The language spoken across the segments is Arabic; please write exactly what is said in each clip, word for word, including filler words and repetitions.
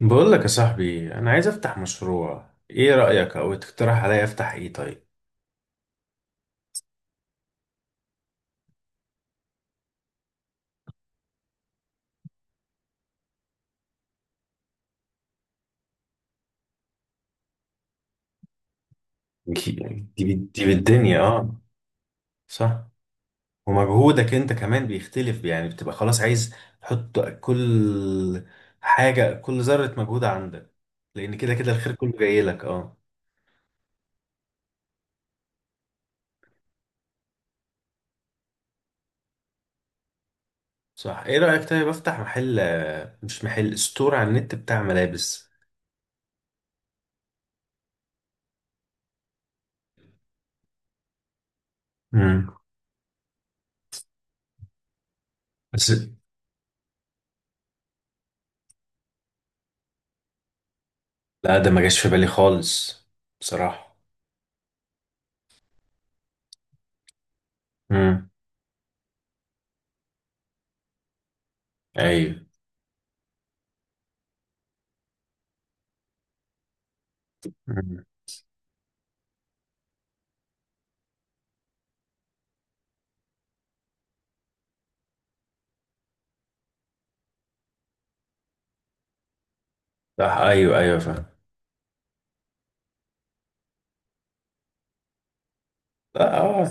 بقول لك يا صاحبي، انا عايز افتح مشروع. ايه رأيك او تقترح عليا افتح ايه؟ طيب. دي دي دي بالدنيا، اه. صح. ومجهودك انت كمان بيختلف، يعني بتبقى خلاص عايز تحط كل حاجة، كل ذرة مجهود عندك، لان كده كده الخير كله جاي لك. اه. صح. ايه رأيك طيب افتح محل، مش محل، ستور على النت بتاع ملابس. امم. بس لا، ده ما جاش في بالي خالص بصراحة. امم. ايوه. مم. صح، ايوه، ايوه، فاهم. اه، آه.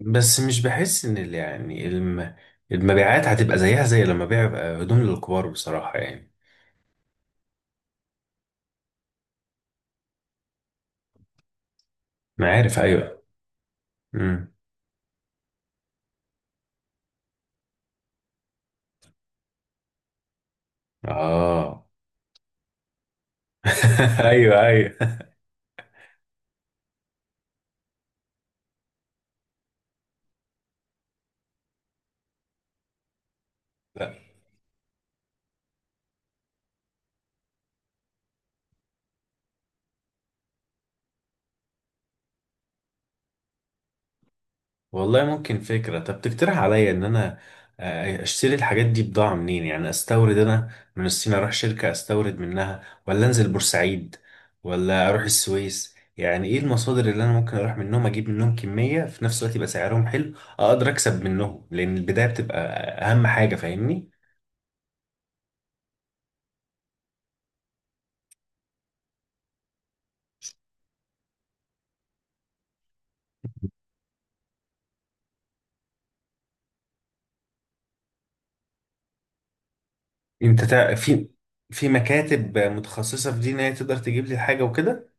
بس مش بحس ان ال- يعني الم... المبيعات هتبقى زيها زي لما بيع بقى هدوم للكبار بصراحة يعني. انا عارف، ايوه. امم. اه. ايوه، ايوه. والله ممكن فكرة. طب تقترح عليا ان انا آه، اشتري الحاجات دي بضاعة منين؟ يعني استورد انا من الصين، اروح شركة استورد منها، ولا انزل بورسعيد، ولا اروح السويس؟ يعني ايه المصادر اللي انا ممكن اروح منهم اجيب منهم كمية في نفس الوقت يبقى سعرهم حلو اقدر اكسب منهم، لان البداية بتبقى اهم حاجة، فاهمني؟ انت تع- في في مكاتب متخصصة في دي، ان هي تقدر تجيب لي الحاجة وكده.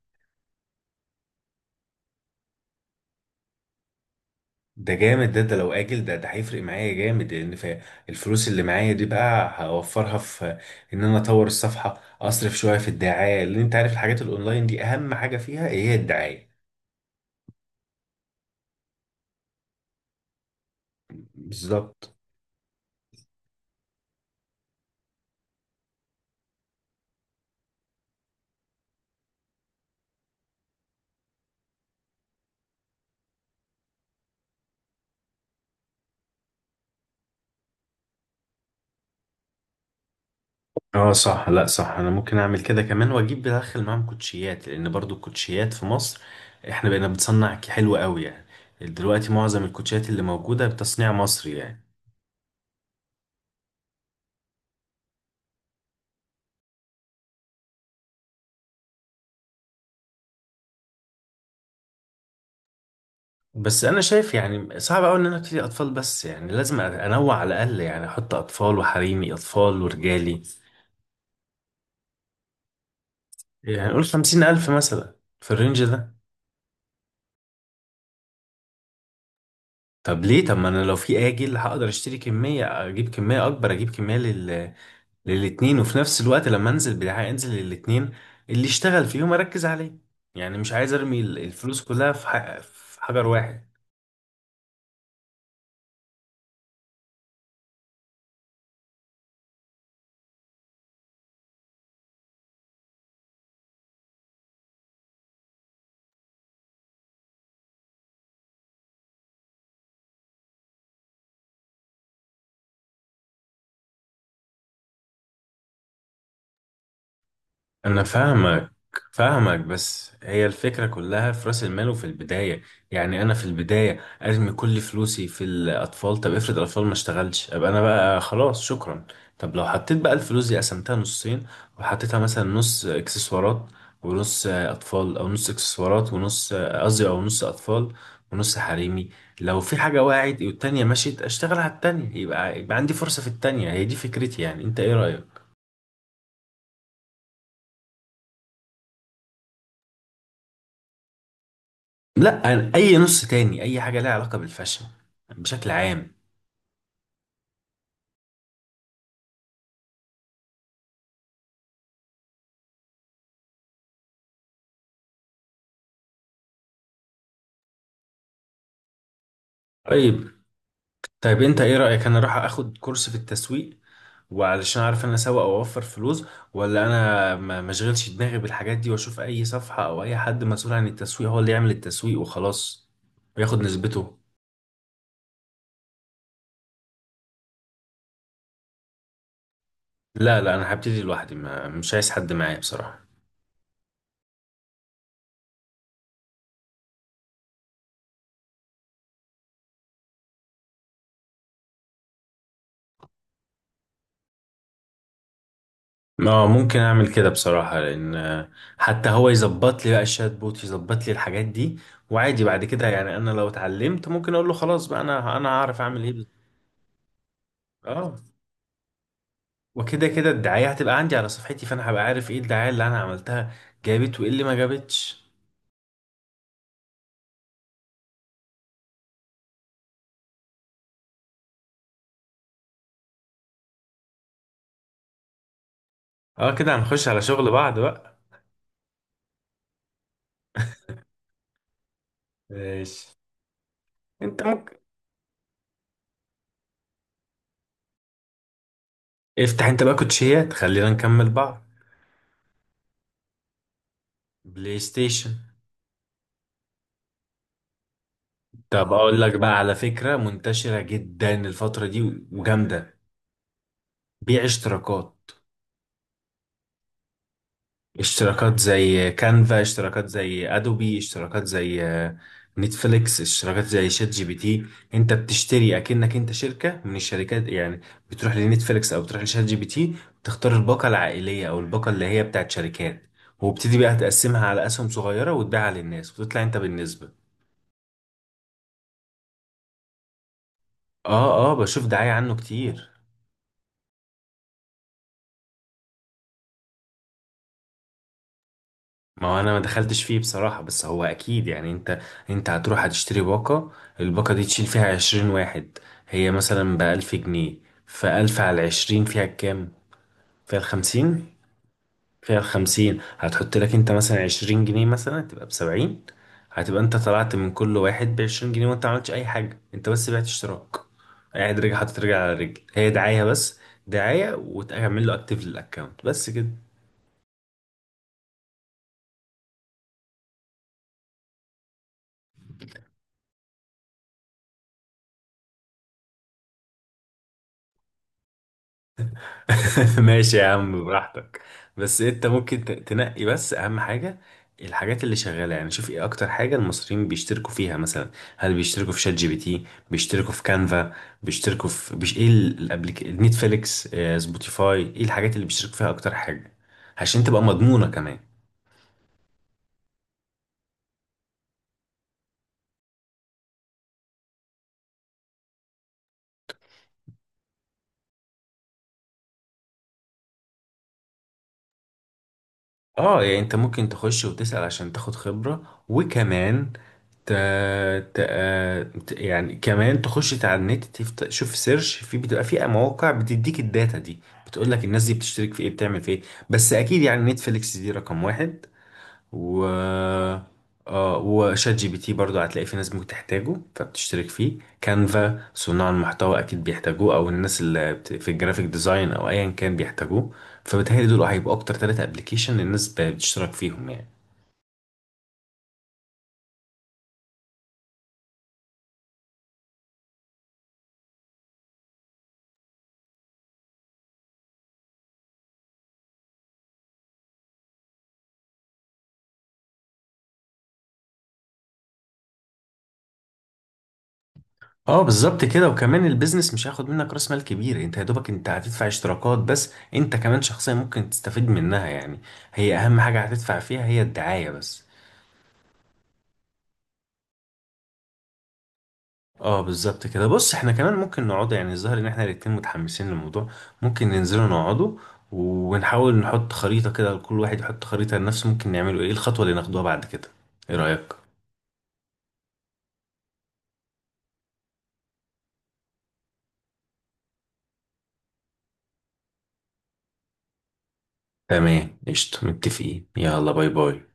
ده جامد. ده ده لو اجل، ده ده هيفرق معايا جامد، لان في الفلوس اللي معايا دي بقى هوفرها في ان انا اطور الصفحه، اصرف شويه في الدعايه، لان انت عارف الحاجات الاونلاين دي اهم حاجه فيها هي الدعايه. بالظبط. اه، صح. لا، صح، انا ممكن اعمل كده كمان واجيب بدخل معاهم كوتشيات، لان برضو الكوتشيات في مصر احنا بقينا بنصنع حلو قوي يعني. دلوقتي معظم الكوتشيات اللي موجوده بتصنيع مصري يعني. بس انا شايف يعني صعب قوي ان انا ابتدي اطفال بس، يعني لازم انوع على الاقل، يعني احط اطفال وحريمي، اطفال ورجالي. يعني قول خمسين الف مثلا، في الرينج ده. طب ليه؟ طب ما انا لو في اجل هقدر اشتري كمية، اجيب كمية اكبر، اجيب كمية لل... للاتنين، وفي نفس الوقت لما انزل بدعاية انزل للاتنين. اللي اشتغل فيهم اركز عليه. يعني مش عايز ارمي ال- الفلوس كلها في, ح... في حجر واحد. أنا فاهمك. فاهمك بس هي الفكرة كلها في رأس المال وفي البداية. يعني أنا في البداية أرمي كل فلوسي في الأطفال، طب افرض الأطفال ما اشتغلش، أبقى أنا بقى خلاص شكرا. طب لو حطيت بقى الفلوس دي قسمتها نصين وحطيتها مثلا نص إكسسوارات ونص أطفال، أو نص إكسسوارات ونص، قصدي، أو نص أطفال ونص حريمي. لو في حاجة وقعت والتانية مشيت أشتغل على التانية، يبقى يبقى عندي فرصة في التانية. هي دي فكرتي، يعني أنت إيه رأيك؟ لا، أنا- اي نص تاني اي حاجه لها علاقه بالفاشن بشكل عام. طيب، طيب انت ايه رايك، انا اروح اخد كورس في التسويق وعلشان اعرف انا اسوق، او اوفر فلوس ولا انا ما ما اشغلش دماغي بالحاجات دي، واشوف اي صفحه او اي حد مسؤول عن التسويق هو اللي يعمل التسويق وخلاص وياخد نسبته؟ لا، لا، انا هبتدي لوحدي، ما مش عايز حد معايا بصراحه. اه، ممكن اعمل كده بصراحة، لان آه، حتى هو يظبط لي بقى الشات بوت يظبط لي الحاجات دي. وعادي بعد كده، يعني انا لو اتعلمت ممكن اقول له خلاص بقى، انا انا هعرف اعمل ايه بز- اه. وكده كده الدعاية هتبقى عندي على صفحتي، فانا هبقى عارف ايه الدعاية اللي انا عملتها جابت وايه اللي ما جابتش. اه، كده هنخش على شغل بعض بقى. ماشي. انت ممكن افتح انت بقى كوتشيات، خلينا نكمل بعض. بلاي ستيشن. طب اقول لك بقى، على فكرة منتشرة جدا الفترة دي وجامدة: بيع اشتراكات. اشتراكات زي كانفا، اشتراكات زي ادوبي، اشتراكات زي آه، نتفليكس، اشتراكات زي شات جي بي تي. انت بتشتري اكنك انت شركة من الشركات يعني. بتروح لنتفليكس او بتروح لشات جي بي تي، بتختار الباقة العائلية او الباقة اللي هي بتاعت شركات، وبتدي بقى تقسمها على اسهم صغيرة وتبيعها للناس وتطلع انت بالنسبة. اه، اه، بشوف دعاية عنه كتير. ما هو انا ما دخلتش فيه بصراحة، بس هو اكيد يعني. انت انت هتروح هتشتري باقة، الباقة دي تشيل فيها عشرين واحد، هي مثلا بألف جنيه، فألف على العشرين فيها كام؟ فيها الخمسين فيها الخمسين هتحط لك انت مثلا عشرين جنيه، مثلا تبقى بسبعين. هتبقى انت طلعت من كل واحد بعشرين جنيه، وانت ما عملتش اي حاجة، انت بس بعت اشتراك، قاعد رجع حاطط رجل على رجل، هي دعاية بس. دعاية وتعمل له اكتيف للاكونت بس كده. ماشي يا عم، براحتك. بس انت ممكن ت- تنقي بس اهم حاجة، الحاجات اللي شغالة يعني. شوف ايه اكتر حاجة المصريين بيشتركوا فيها مثلا، هل بيشتركوا في شات جي بي تي؟ بيشتركوا في كانفا؟ بيشتركوا في بيش ايه الابليك، نتفليكس، آه، سبوتيفاي؟ ايه الحاجات اللي بيشتركوا فيها اكتر حاجة عشان تبقى مضمونة كمان؟ اه يعني انت ممكن تخش وتسأل عشان تاخد خبرة، وكمان ت... ت... آه، ت... يعني كمان تخش على النت تفت... شوف سيرش، في بتبقى في مواقع بتديك الداتا دي، بتقول لك الناس دي بتشترك في ايه بتعمل في ايه. بس اكيد يعني، نتفليكس دي رقم واحد، و... اه، وشات جي بي تي برضو هتلاقي في ناس ممكن تحتاجه فبتشترك فيه. كانفا صناع المحتوى اكيد بيحتاجوه، او الناس اللي بت- في الجرافيك ديزاين او ايا كان بيحتاجوه. فبتهيألي دول هيبقوا اكتر ثلاثة ابلكيشن الناس ب- بتشترك فيهم يعني. اه بالظبط كده، وكمان البيزنس مش هياخد منك راس مال كبير، انت يا دوبك انت هتدفع اشتراكات بس، انت كمان شخصيا ممكن تستفيد منها يعني. هي اهم حاجة هتدفع فيها هي الدعاية بس. اه بالظبط كده. بص احنا كمان ممكن نقعد، يعني الظاهر ان احنا الاتنين متحمسين للموضوع، ممكن ننزلوا نقعدوا ونحاول نحط خريطة كده، كل واحد يحط خريطة لنفسه ممكن نعمله، ايه الخطوة اللي ناخدوها بعد كده؟ ايه رأيك؟ تمام، قشطة، متفقين. يلا باي باي.